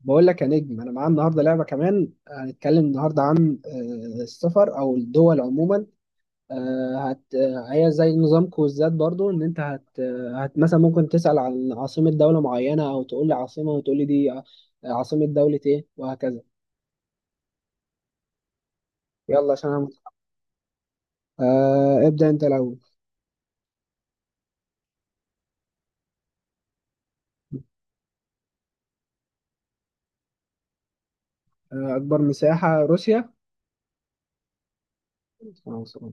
بقول لك يا نجم انا معايا النهارده لعبه كمان هنتكلم النهارده عن السفر او الدول عموما. آه، هت آه، هي زي نظام كويزات برضو ان انت هت آه، هت مثلا ممكن تسال عن عاصمه دوله معينه او تقول لي عاصمه وتقول لي عاصمه دوله ايه وهكذا. يلا عشان ابدا انت الاول. اكبر مساحه روسيا. آه،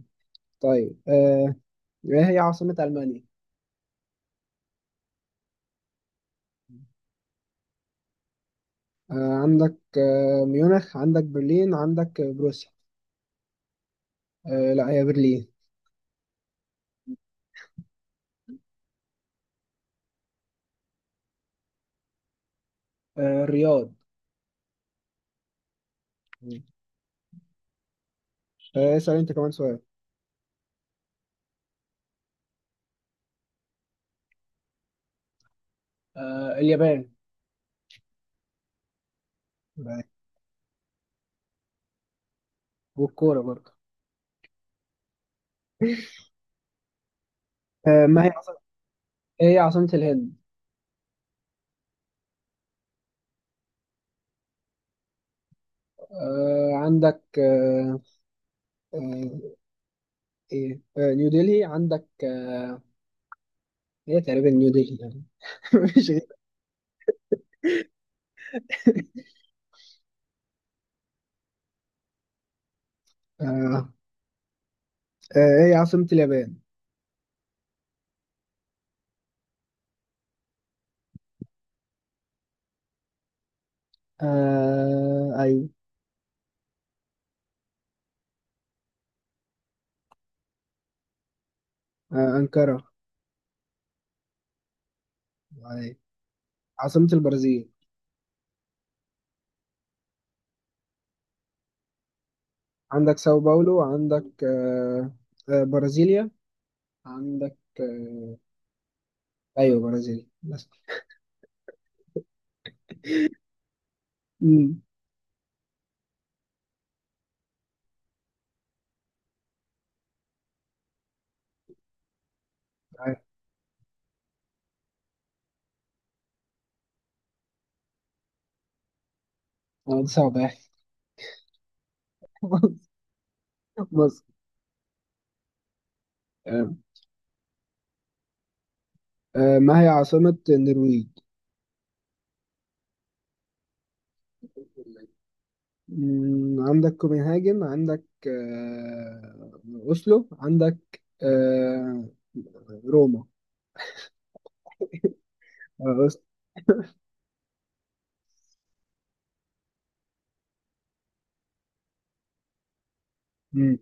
طيب آه، ايه هي عاصمه المانيا؟ آه، عندك ميونخ، عندك برلين، عندك بروسيا. لا، هي برلين. الرياض. مم. اسأل انت كمان سؤال. اليابان. بقى. والكورة برضه. آه ما هي عاصمة إيه هي عاصمة الهند؟ آه عندك آه آه إيه آه نيو ديلي. عندك آه هي تقريبا نيو ديلي يعني. مش غير. آه. آه. ايه عاصمة اليابان؟ ايوه. انقرة. أيوة. عاصمة البرازيل؟ عندك ساو باولو، عندك آه. آه. برازيليا، عندك آه. ايوه برازيليا بس. امم. أيوة. دي صعبة يعني. مصر. ما هي عاصمة النرويج؟ مم، عندك كوبنهاجن، عندك أوسلو، عندك آه، روما. آه، أوس- مم.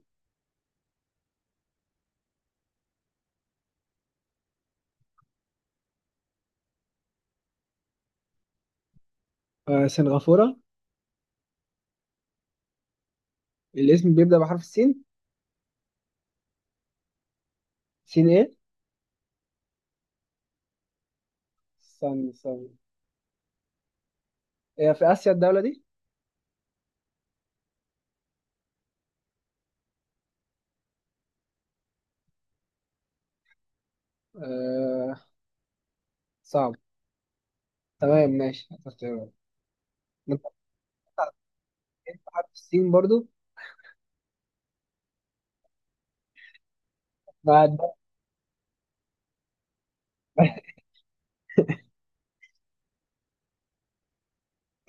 سنغافورة. الاسم بيبدأ بحرف السين. سين إيه؟ استنى استنى. هي في آسيا الدولة دي؟ آه، صعب. تمام، ماشي هتختارها انت. بتعرف إيه بحرف السين برضو؟ بعد.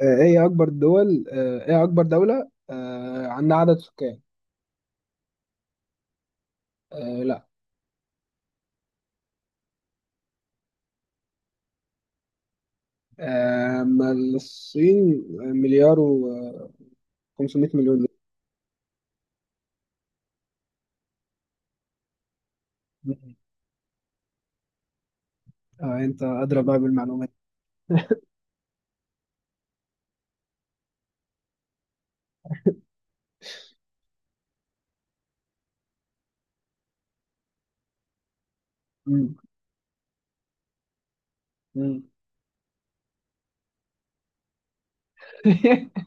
ايه اكبر دولة عندها عدد سكان؟ لا. ما الصين مليار و 500 مليون دولار. مم. اه انت ادرى بقى بالمعلومات. مم. مم.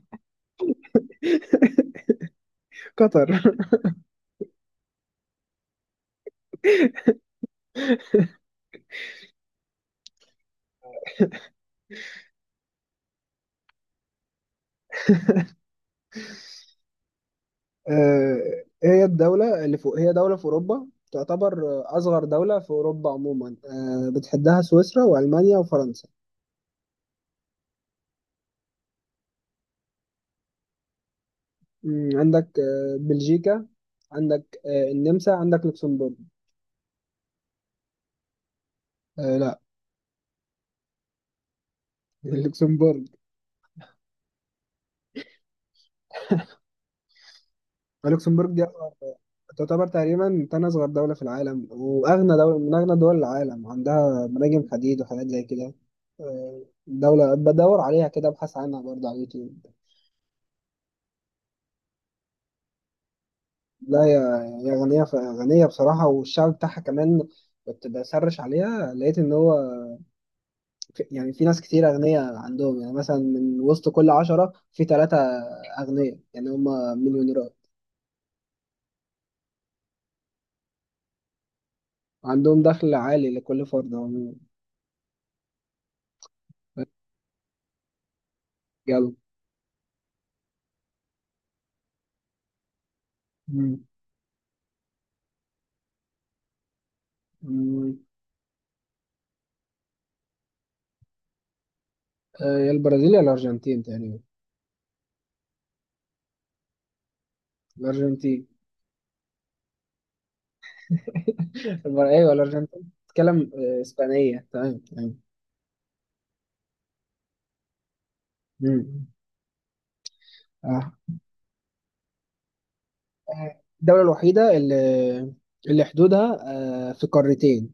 قطر. آه، هي الدولة اللي فوق، هي دولة في أوروبا، تعتبر أصغر دولة في أوروبا عموما، بتحدها سويسرا وألمانيا وفرنسا. مم، عندك بلجيكا، عندك النمسا، عندك لوكسمبورغ. لا. اللوكسمبورغ. لوكسمبورغ دي تعتبر تقريبا تاني أصغر دولة في العالم، وأغنى دولة من أغنى دول العالم، عندها مناجم حديد وحاجات زي كده. دولة بدور عليها كده، أبحث عنها برضه على اليوتيوب. لا هي، هي غنية غنية بصراحة، والشعب بتاعها كمان. كنت بسرش عليها لقيت إن هو يعني في ناس كتير أغنياء عندهم، يعني مثلا من وسط كل 10 في 3 أغنياء، يعني هما مليونيرات. عندهم دخل عالي لكل فرد عموما. يلا. مم. يا البرازيل يا الأرجنتين تقريبا. الأرجنتين. أيوه الأرجنتين بتتكلم إسبانية. تمام تمام. مم. آه. الدولة الوحيدة اللي حدودها في قارتين.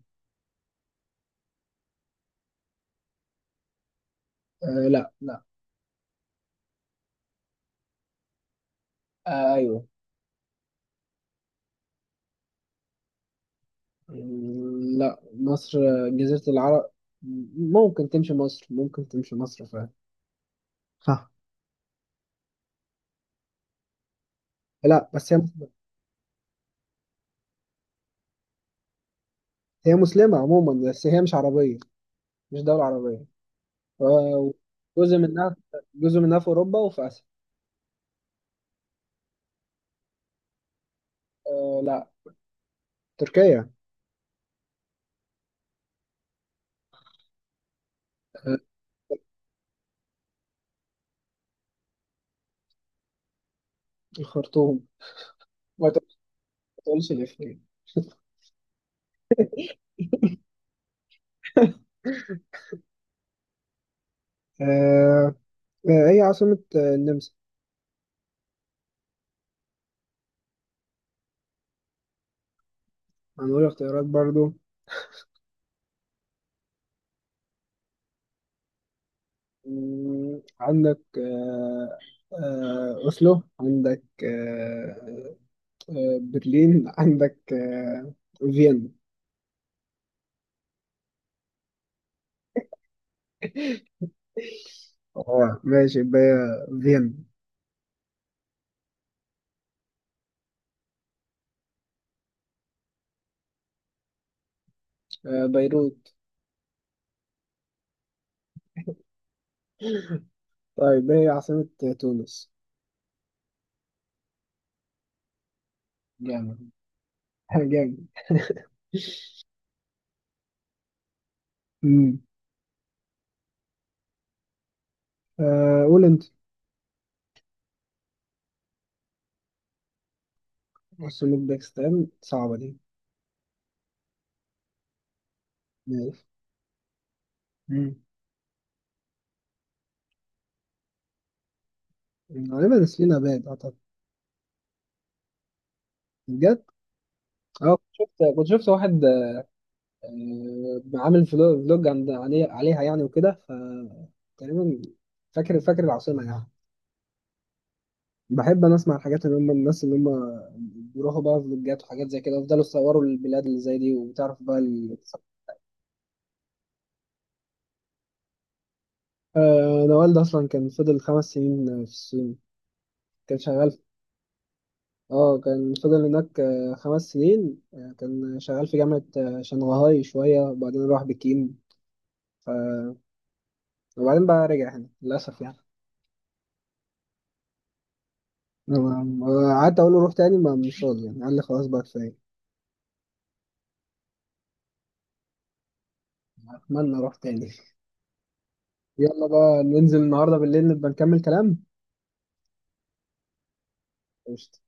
لا لا. أيوه. مم، لا مصر. جزيرة العرب. ممكن تمشي مصر، ممكن تمشي مصر فعلا. صح. لا بس هي مسلمة. هي مسلمة عموما بس هي مش عربية، مش دولة عربية. آه، جزء منها، جزء منها في أوروبا وفي آسيا. لا. تركيا. آه، الخرطوم. ما تقولش الإفيه. آه. هي عاصمة النمسا؟ هنقول اختيارات برضو. مم، عندك أوسلو، عندك برلين، عندك فيينا. اه ماشي، يبقى هي فيينا. بيروت. طيب، هي عاصمة تونس؟ جامد. جامد. مم. قول أنت. عاصمة باكستان صعبة دي. ماشي. غالبا سينا باد اعتقد. بجد. اه. كنت شفت، كنت شفت واحد عامل فلوج عن عليه عليها يعني وكده ف تقريبا فاكر العاصمه يعني. بحب انا اسمع الحاجات اللي هم الناس اللي هم بيروحوا بقى فلوجات وحاجات زي كده ويفضلوا يصوروا البلاد اللي زي دي وبتعرف بقى ال... انا والدي اصلا كان فضل 5 سنين في الصين، كان شغال في... اه كان فضل هناك 5 سنين، كان شغال في جامعه شنغهاي شويه وبعدين راح بكين، وبعدين بقى رجع هنا للأسف يعني. قعدت أقول له روح تاني، ما مش راضي يعني، قال لي خلاص بقى كفاية. أتمنى أروح تاني. يلا بقى، ننزل النهاردة بالليل نبقى نكمل كلام. قشطة.